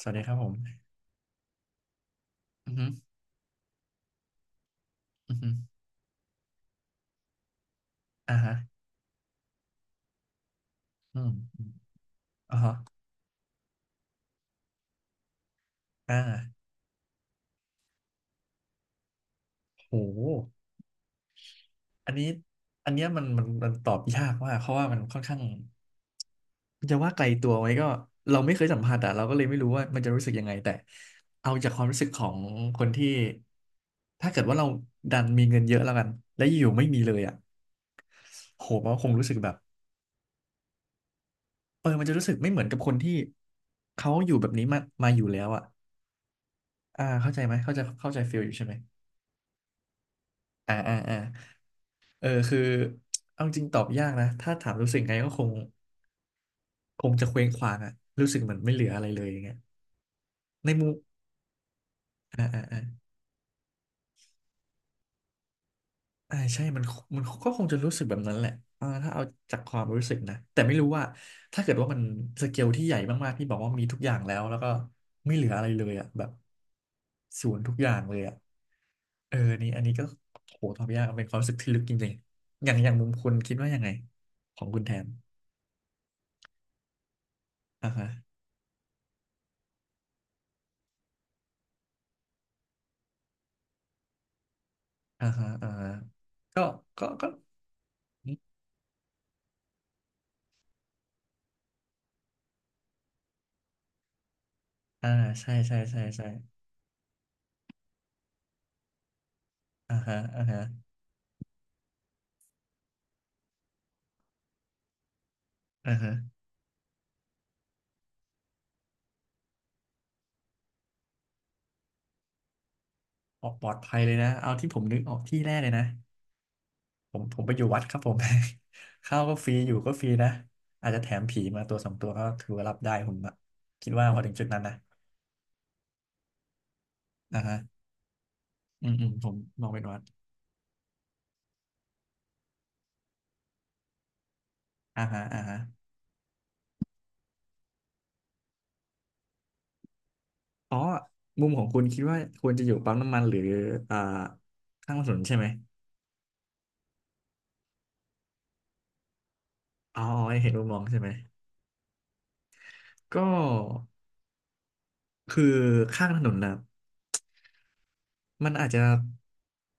สวัสดีครับผมอือฮึอือฮึอ่าฮะ อืมอมอ่าฮะอ่าโหอันนี้ อันเนี้ยมันตอบยากมากเพราะว่ามันค่อนข้างจะว่าไกลตัวไหมก็เราไม่เคยสัมผัสอ่ะเราก็เลยไม่รู้ว่ามันจะรู้สึกยังไงแต่เอาจากความรู้สึกของคนที่ถ้าเกิดว่าเราดันมีเงินเยอะแล้วกันและอยู่ๆไม่มีเลยอ่ะโหมันก็คงรู้สึกแบบเออมันจะรู้สึกไม่เหมือนกับคนที่เขาอยู่แบบนี้มาอยู่แล้วอ่ะอ่าเข้าใจไหมเข้าใจเข้าใจฟีลอยู่ใช่ไหมอ่าอ่าอ่า เออคือเอาจริงตอบยากนะถ้าถามรู้สึกไงก็คงจะเคว้งคว้างอะรู้สึกเหมือนไม่เหลืออะไรเลยอย่างเงี้ยในมุมอ่าอ่าอ่าอ่าใช่มันมันก็คงจะรู้สึกแบบนั้นแหละอ่าถ้าเอาจากความรู้สึกนะแต่ไม่รู้ว่าถ้าเกิดว่ามันสเกลที่ใหญ่มากๆที่บอกว่ามีทุกอย่างแล้วก็ไม่เหลืออะไรเลยอะแบบศูนย์ทุกอย่างเลยอะเออนี่อันนี้ก็โหตอบยากเป็นความรู้สึกที่ลึกจริงๆอย่างมุมคุณคิดว่ายังไงของคุณแทนอ่าฮะ อ่าฮะ อ่าฮะก็ก็อ่า ใช่ใช่ใช่ใช่อ่าฮะอ่าฮะอ่าฮะออกปลอดภัยเลยนะ เอาที่ผมนึกออกที่แรกเลยนะ ผมไปอยู่วัดครับผม ข้าวก็ฟรีอยู่ก็ฟรีนะ อาจจะแถมผีมาตัวสองตัวก็ถือว่ารับได้ผมอะคิดว่าพอถึงจุดนั้นนะอ่าฮะอืมอืมผมมองเป็นวัดอ่าฮะ อ่าฮะอ๋อมุมของคุณคิดว่าควรจะอยู่ปั๊มน้ำมันหรืออ่า ข้างถนนใช่ไหมอ๋อเห็นมุมมองใช่ไหมก็คือข้างถนนนะ มันอาจจะ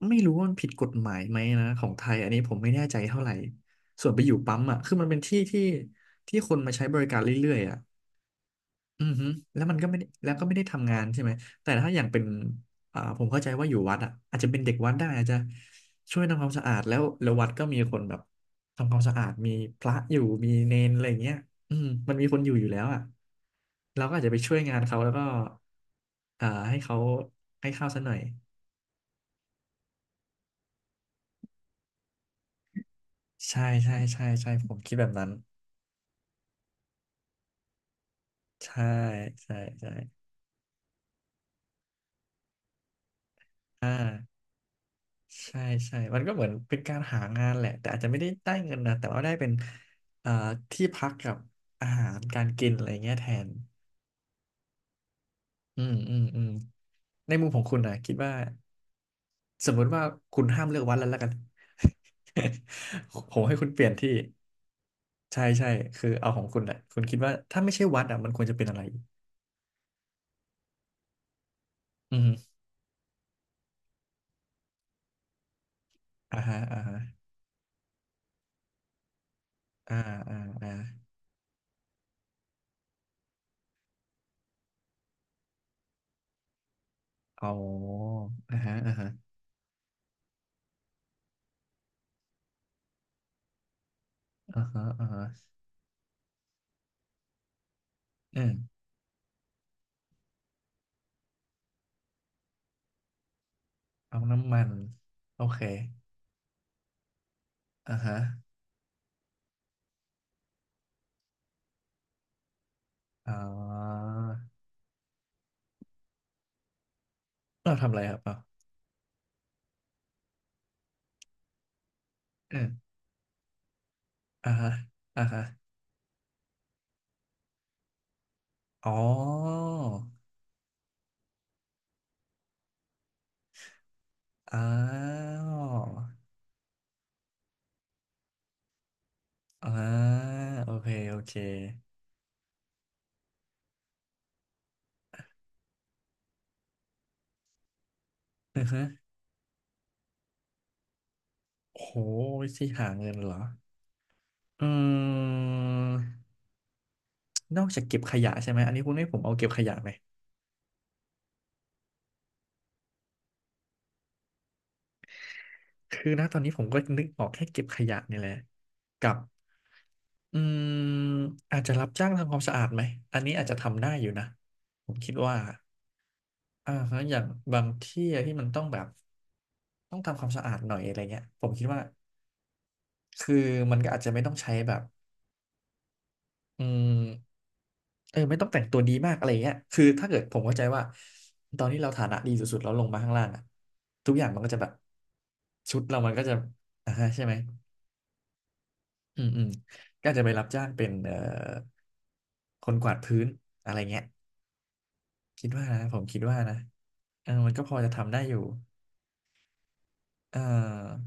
ไม่รู้ว่ามันผิดกฎหมายไหมนะของไทยอันนี้ผมไม่แน่ใจเท่าไหร่ส่วนไปอยู่ปั๊มอ่ะคือมันเป็นที่ที่คนมาใช้บริการเรื่อยๆอ่ะอือฮึแล้วมันก็ไม่ได้แล้วก็ไม่ได้ทำงานใช่ไหมแต่ถ้าอย่างเป็นอ่าผมเข้าใจว่าอยู่วัดอ่ะอาจจะเป็นเด็กวัดได้อาจจะช่วยทำความสะอาดแล้ววัดก็มีคนแบบทำความสะอาดมีพระอยู่มีเนนอะไรอย่างเงี้ยอืมมันมีคนอยู่แล้วอ่ะเราก็อาจจะไปช่วยงานเขาแล้วก็อ่าให้เขาให้ข้าวซะหน่อย ใช่ใช่ใช่ใช่ผมคิดแบบนั้นใช่ใช่ใช่อ่าใช่ใช่มันก็เหมือนเป็นการหางานแหละแต่อาจจะไม่ได้ได้เงินนะแต่ว่าได้เป็นเอ่อที่พักกับอาหารการกินอะไรเงี้ยแทนอืมอืมอืมในมุมของคุณนะคิดว่าสมมติว่าคุณห้ามเลือกวัดแล้วกัน ผมให้คุณเปลี่ยนที่ใช่ใช่คือเอาของคุณอ่ะคุณคิดว่าถ้าไม่ใช่วัดอ่ะมันควรจะเป็นอะไรอืมอ่าฮะอ่าฮะอ่าอ่าอ่า อ๋ออ่าฮะอ่าฮะอ่าฮะอ่าฮะอืมเอาน้ำมัน โอเคอ่าฮะอ๋อเราทำอะไรครับอ่ะอืมอ่าฮะอ่าฮะอ๋ออ้าวอ่าโอเค โอเคอือฮะโหวิธีหาเงินเหรออืมนอกจากเก็บขยะใช่ไหมอันนี้คุณให้ผมเอาเก็บขยะไหม คือนะตอนนี้ผมก็นึกออกแค่เก็บขยะนี่แหละกับอืมอาจจะรับจ้างทำความสะอาดไหมอันนี้อาจจะทำได้อยู่นะผมคิดว่าอ่าฮะอย่างบางที่อะที่มันต้องแบบต้องทำความสะอาดหน่อยอะไรเงี้ยผมคิดว่าคือมันก็อาจจะไม่ต้องใช้แบบอืมเออไม่ต้องแต่งตัวดีมากอะไรเงี้ยคือถ้าเกิดผมเข้าใจว่าตอนที่เราฐานะดีสุดๆแล้วลงมาข้างล่างอะทุกอย่างมันก็จะแบบชุดเรามันก็จะอ่าฮะใช่ไหม อืมอืมก็อาจจะไปรับจ้างเป็นคนกวาดพื้นอะไรเงี้ยคิดว่านะผมคิดว่านะเออมันก็พอจะทำได้อยู่เออ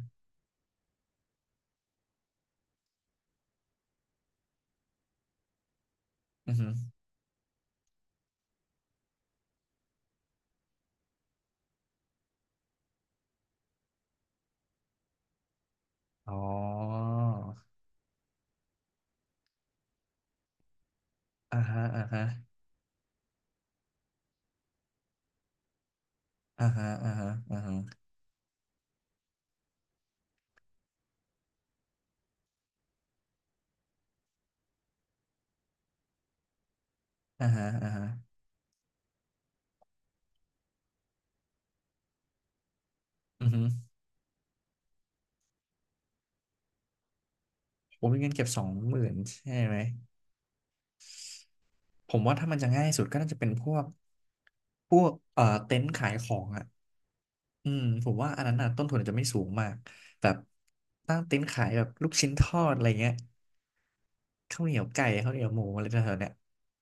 อือหืออ๋ออ่าฮะอ่าฮะอ่าฮะอ่าฮะอ่าฮะอ่าฮะอ่าฮะอือหือผมมีเงินเก็บ20,000ใช่ไหมผมว่าถ้ามันจะง่ายสุดก็น่าจะเป็นพวกเต็นท์ขายของอ่ะอืมผมว่าอันนั้นน่ะต้นทุนอาจจะไม่สูงมากแบบตั้งเต็นท์ขายแบบลูกชิ้นทอดอะไรเงี้ย ข้าวเหนียวไก่ข้าวเหนียวหมูอะไรแถวๆเนี่ย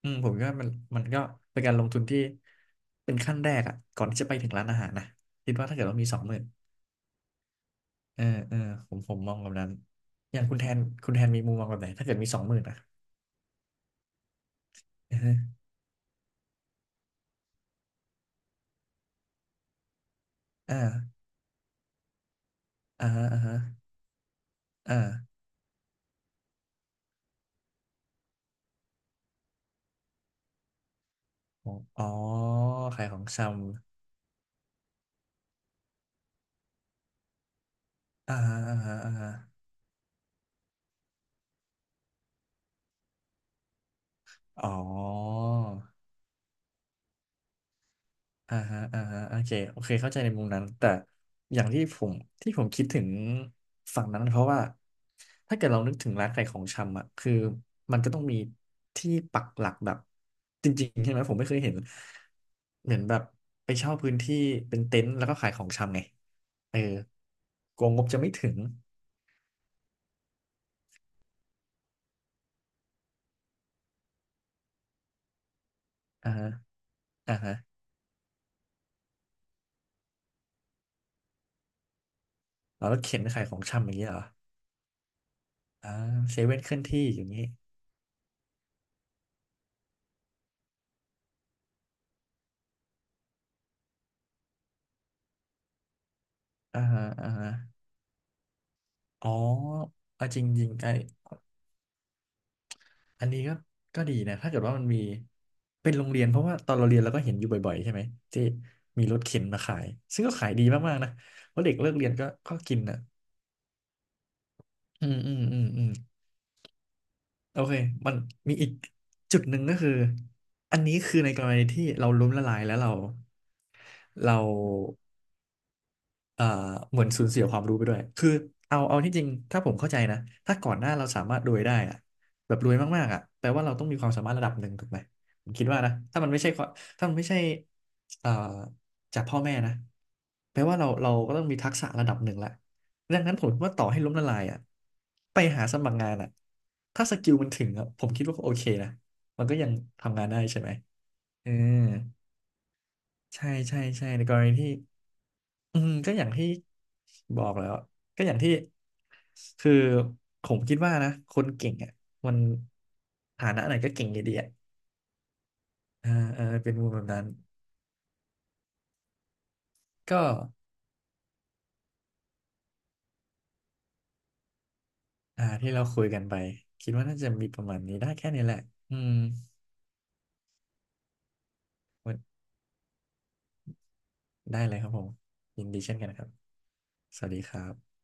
อืมผมก็มันมันก็เป็นการลงทุนที่เป็นขั้นแรกอ่ะก่อนที่จะไปถึงร้านอาหารนะคิดว่าถ้าเกิดว่ามีสองหมื่นเออผมมองแบบนั้นอย่างคุณแทนคุณแทนมีมุมมองแบบไหนถ้าเกิดมีสองหมื่นอ่ะอือฮึอ่าอ่าฮะอ่าฮะอ่าอ๋อขายของชำอ่าฮะอ่าฮะอ่าฮะอ๋อ อ่าฮะอ่าฮะโอเคเข้าใจในมุมนั้นแต่อย่างที่ผมที่ผมคิดถึงฝั่งนั้นเพราะว่าถ้าเกิดเรานึกถึงร้านขายของชำอ่ะคือมันก็ต้องมีที่ปักหลักแบบจริงๆใช่ไหมผมไม่เคยเห็นเหมือนแบบไปเช่าพื้นที่เป็นเต็นท์แล้วก็ขายของชำไงเออกลัวงบจะไม่ถึงอ่าฮะอ่าฮะแล้วรถเข็นขายของชำอย่างเงี้ยเหรออ่าเซเว่นเคลื่อนที่อย่างงี้อ่าฮะอ่าฮะอ๋อเอาจริงๆไอ้ อันนี้ก็ก็ดีนะถ้าเกิดว่ามันมีเป็นโรงเรียนเพราะว่าตอนเราเรียนเราก็เห็นอยู่บ่อยๆใช่ไหมที่มีรถเข็นมาขายซึ่งก็ขายดีมากๆนะเพราะเด็กเลิกเรียนก็กินอ่ะอืมอืมอืมอืมโอเคมันมีอีกจุดหนึ่งก็คืออันนี้คือในกรณีที่เราล้มละลายแล้วเรา เอ่อเหมือนสูญเสียความรู้ไปด้วยคือเอาที่จริงถ้าผมเข้าใจนะถ้าก่อนหน้าเราสามารถรวยได้อะแบบรวยมากๆอะแปลว่าเราต้องมีความสามารถระดับหนึ่งถูกไหมผมคิดว่านะถ้ามันไม่ใช่ความถ้ามันไม่ใช่เอ่อจากพ่อแม่นะแปลว่าเราเราก็ต้องมีทักษะระดับหนึ่งแหละดังนั้นผมว่าต่อให้ล้มละลายอะไปหาสมัครงานอะถ้าสกิลมันถึงอะผมคิดว่าก็โอเคนะมันก็ยังทำงานได้ใช่ไหมเออใช่ใช่ใช่ในกรณีที่ อืมก็อย่างที่บอกแล้วก็อย่างที่คือผมคิดว่านะคนเก่งอ่ะมันฐานะไหนก็เก่งอยู่ดีอ่ะอ่าเออเป็นมุมแบบนั้นก็อ่าที่เราคุยกันไปคิดว่าน่าจะมีประมาณนี้ได้แค่นี้แหละอืมได้เลยครับผมยินดีเช่นกันครับสวัสดีครับ